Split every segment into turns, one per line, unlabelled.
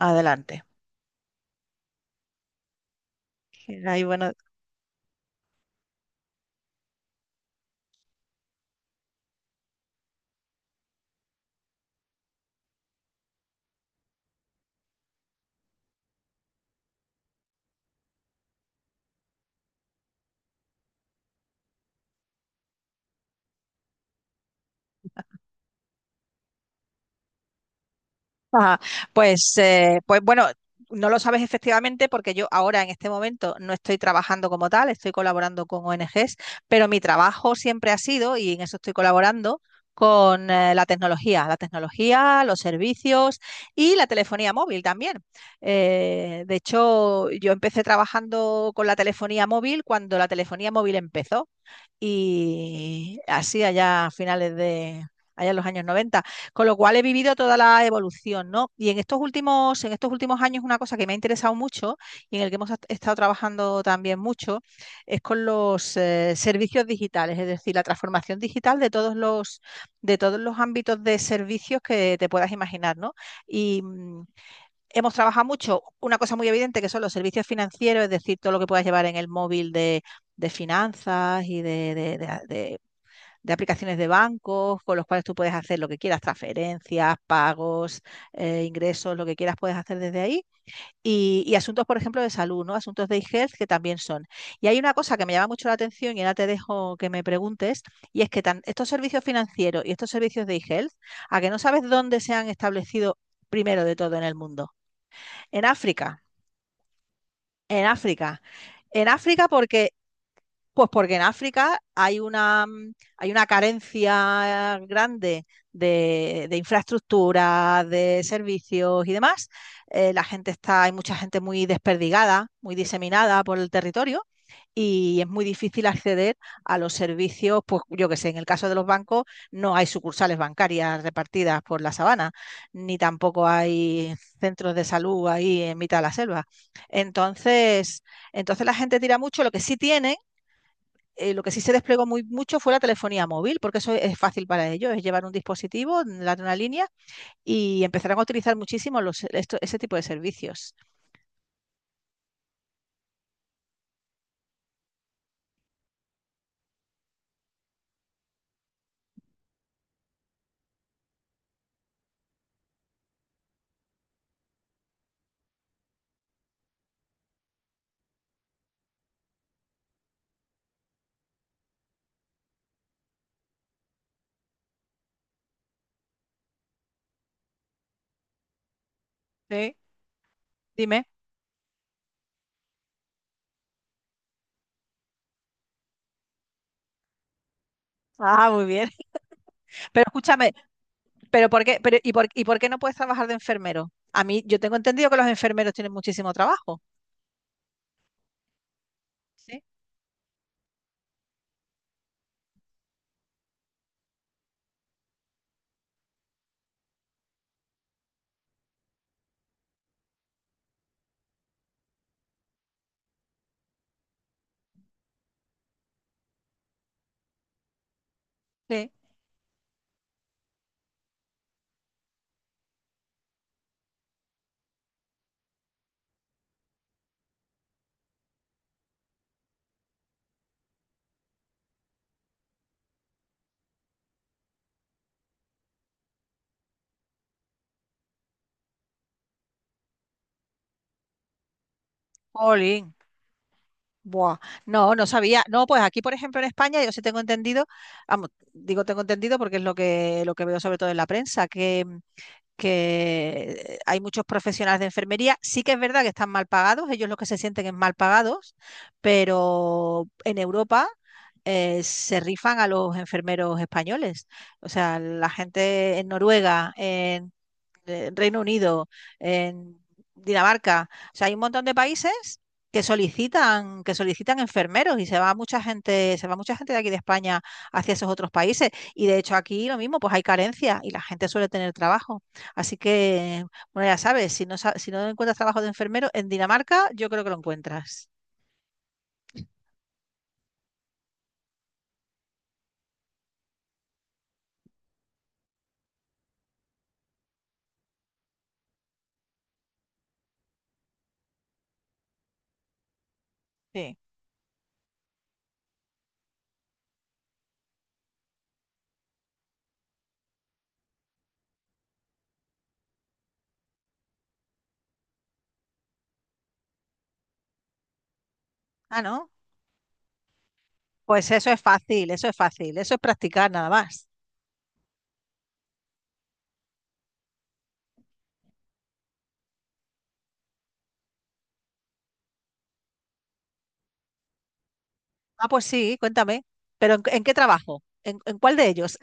Adelante. Ahí bueno, ajá. Pues, pues bueno, no lo sabes efectivamente porque yo ahora en este momento no estoy trabajando como tal, estoy colaborando con ONGs, pero mi trabajo siempre ha sido, y en eso estoy colaborando, con la tecnología, los servicios y la telefonía móvil también. De hecho, yo empecé trabajando con la telefonía móvil cuando la telefonía móvil empezó. Y así allá a finales de, allá en los años noventa, con lo cual he vivido toda la evolución, ¿no? Y en estos últimos años una cosa que me ha interesado mucho y en el que hemos estado trabajando también mucho es con los servicios digitales, es decir, la transformación digital de todos los ámbitos de servicios que te puedas imaginar, ¿no? Y, hemos trabajado mucho una cosa muy evidente que son los servicios financieros, es decir, todo lo que puedas llevar en el móvil de finanzas y de aplicaciones de bancos con los cuales tú puedes hacer lo que quieras: transferencias, pagos, ingresos, lo que quieras puedes hacer desde ahí. Y asuntos, por ejemplo, de salud, ¿no? Asuntos de e-health que también son. Y hay una cosa que me llama mucho la atención y ahora te dejo que me preguntes, y es que estos servicios financieros y estos servicios de e-health, a que no sabes dónde se han establecido primero de todo en el mundo. En África, en África. En África porque pues porque en África hay una carencia grande de infraestructura, de servicios y demás. La gente está, hay mucha gente muy desperdigada, muy diseminada por el territorio y es muy difícil acceder a los servicios, pues yo que sé, en el caso de los bancos no hay sucursales bancarias repartidas por la sabana, ni tampoco hay centros de salud ahí en mitad de la selva. Entonces, entonces la gente tira mucho, lo que sí tienen lo que sí se desplegó muy mucho fue la telefonía móvil, porque eso es fácil para ellos, es llevar un dispositivo, dar una línea y empezarán a utilizar muchísimo ese tipo de servicios. ¿Sí? Dime. Ah, muy bien. Pero escúchame, pero ¿por qué, pero, ¿y por qué no puedes trabajar de enfermero? A mí, yo tengo entendido que los enfermeros tienen muchísimo trabajo. Sí, sí. Jolín. Buah, no, no sabía. No, pues aquí, por ejemplo, en España, yo sí tengo entendido, vamos, digo tengo entendido porque es lo que veo sobre todo en la prensa, que hay muchos profesionales de enfermería. Sí que es verdad que están mal pagados, ellos lo que se sienten es mal pagados, pero en Europa se rifan a los enfermeros españoles. O sea, la gente en Noruega, en Reino Unido, en Dinamarca. O sea, hay un montón de países que solicitan enfermeros y se va mucha gente, se va mucha gente de aquí de España hacia esos otros países. Y de hecho aquí lo mismo, pues hay carencia y la gente suele tener trabajo. Así que, bueno, ya sabes, si no encuentras trabajo de enfermero en Dinamarca, yo creo que lo encuentras. Sí. Ah, ¿no? Pues eso es fácil, eso es fácil, eso es practicar nada más. Ah, pues sí, cuéntame. ¿Pero en qué trabajo? En cuál de ellos?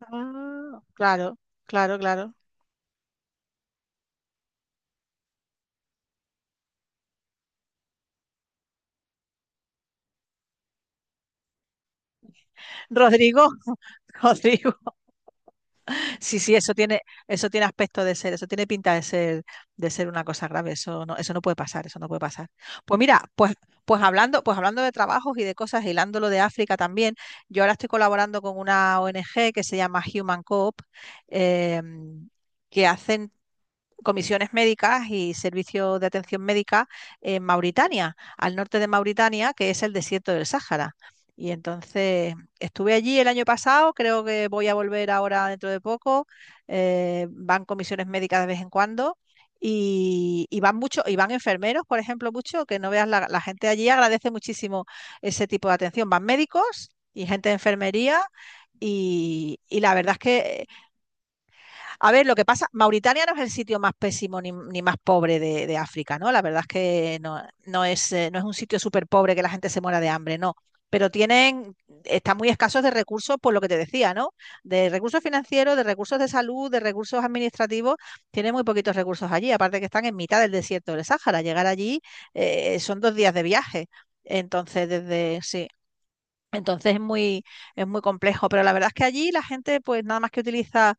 Ah, claro, claro, claro. Rodrigo, Rodrigo. Sí, sí, eso tiene aspecto de ser, eso tiene pinta de ser una cosa grave. Eso no puede pasar, eso no puede pasar. Pues mira, pues, pues hablando de trabajos y de cosas, hilando lo de África también, yo ahora estoy colaborando con una ONG que se llama Human Coop, em, que hacen comisiones médicas y servicios de atención médica en Mauritania, al norte de Mauritania, que es el desierto del Sáhara. Y entonces estuve allí el año pasado, creo que voy a volver ahora dentro de poco. Van comisiones médicas de vez en cuando y van mucho, y van enfermeros, por ejemplo, mucho, que no veas la gente allí agradece muchísimo ese tipo de atención. Van médicos y gente de enfermería y la verdad es que a ver, lo que pasa, Mauritania no es el sitio más pésimo ni, ni más pobre África, ¿no? La verdad es que no, no es, no es un sitio súper pobre que la gente se muera de hambre, no. Pero tienen, están muy escasos de recursos, por lo que te decía, ¿no? De recursos financieros, de recursos de salud, de recursos administrativos, tienen muy poquitos recursos allí. Aparte que están en mitad del desierto del Sáhara. Llegar allí son dos días de viaje. Entonces, desde, sí, entonces es muy complejo, pero la verdad es que allí la gente pues nada más que utiliza,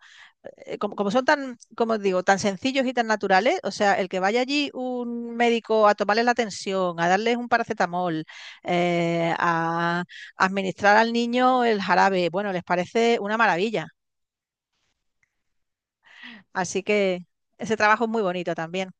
como son tan, como digo, tan sencillos y tan naturales, o sea, el que vaya allí un médico a tomarle la tensión, a darles un paracetamol, a administrar al niño el jarabe, bueno, les parece una maravilla. Así que ese trabajo es muy bonito también.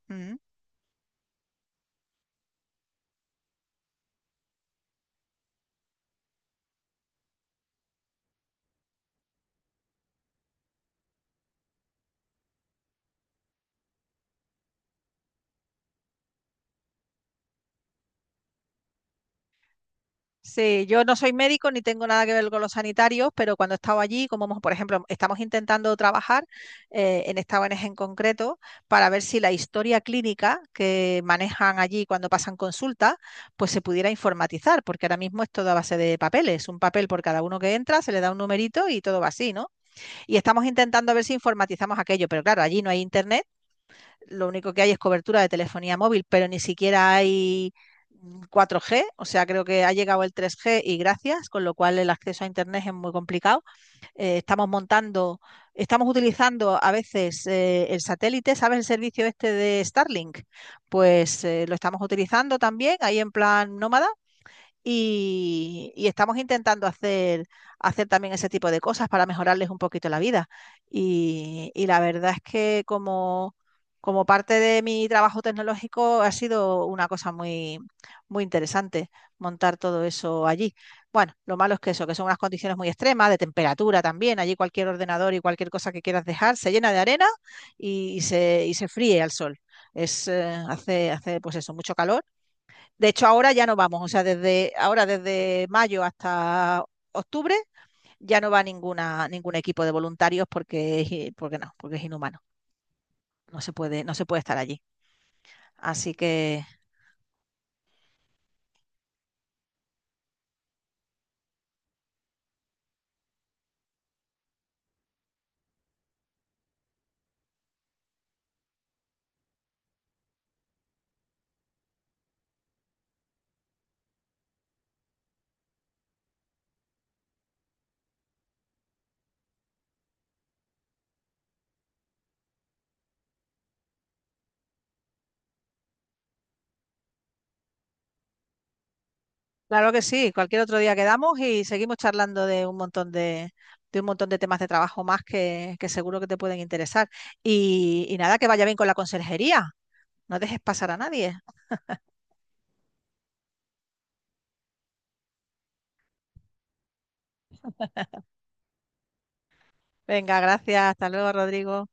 Sí, yo no soy médico ni tengo nada que ver con los sanitarios, pero cuando he estado allí, como hemos- por ejemplo, estamos intentando trabajar en esta ONG en concreto para ver si la historia clínica que manejan allí cuando pasan consulta, pues se pudiera informatizar, porque ahora mismo es todo a base de papeles, un papel por cada uno que entra, se le da un numerito y todo va así, ¿no? Y estamos intentando ver si informatizamos aquello, pero claro, allí no hay internet, lo único que hay es cobertura de telefonía móvil, pero ni siquiera hay 4G, o sea, creo que ha llegado el 3G y gracias, con lo cual el acceso a Internet es muy complicado. Eh, estamos montando, estamos utilizando a veces el satélite, ¿sabes el servicio este de Starlink? Pues lo estamos utilizando también ahí en plan nómada y estamos intentando hacer, hacer también ese tipo de cosas para mejorarles un poquito la vida. Y la verdad es que como, como parte de mi trabajo tecnológico ha sido una cosa muy, muy interesante montar todo eso allí. Bueno, lo malo es que eso, que son unas condiciones muy extremas, de temperatura también. Allí cualquier ordenador y cualquier cosa que quieras dejar se llena de arena y se fríe al sol. Es, hace pues eso, mucho calor. De hecho, ahora ya no vamos, o sea, desde ahora, desde mayo hasta octubre, ya no va ninguna, ningún equipo de voluntarios porque, porque no, porque es inhumano. No se puede, no se puede estar allí. Así que, claro que sí, cualquier otro día quedamos y seguimos charlando de un montón de un montón de temas de trabajo más que seguro que te pueden interesar. Y nada, que vaya bien con la conserjería. No dejes pasar a nadie. Venga, gracias. Hasta luego, Rodrigo.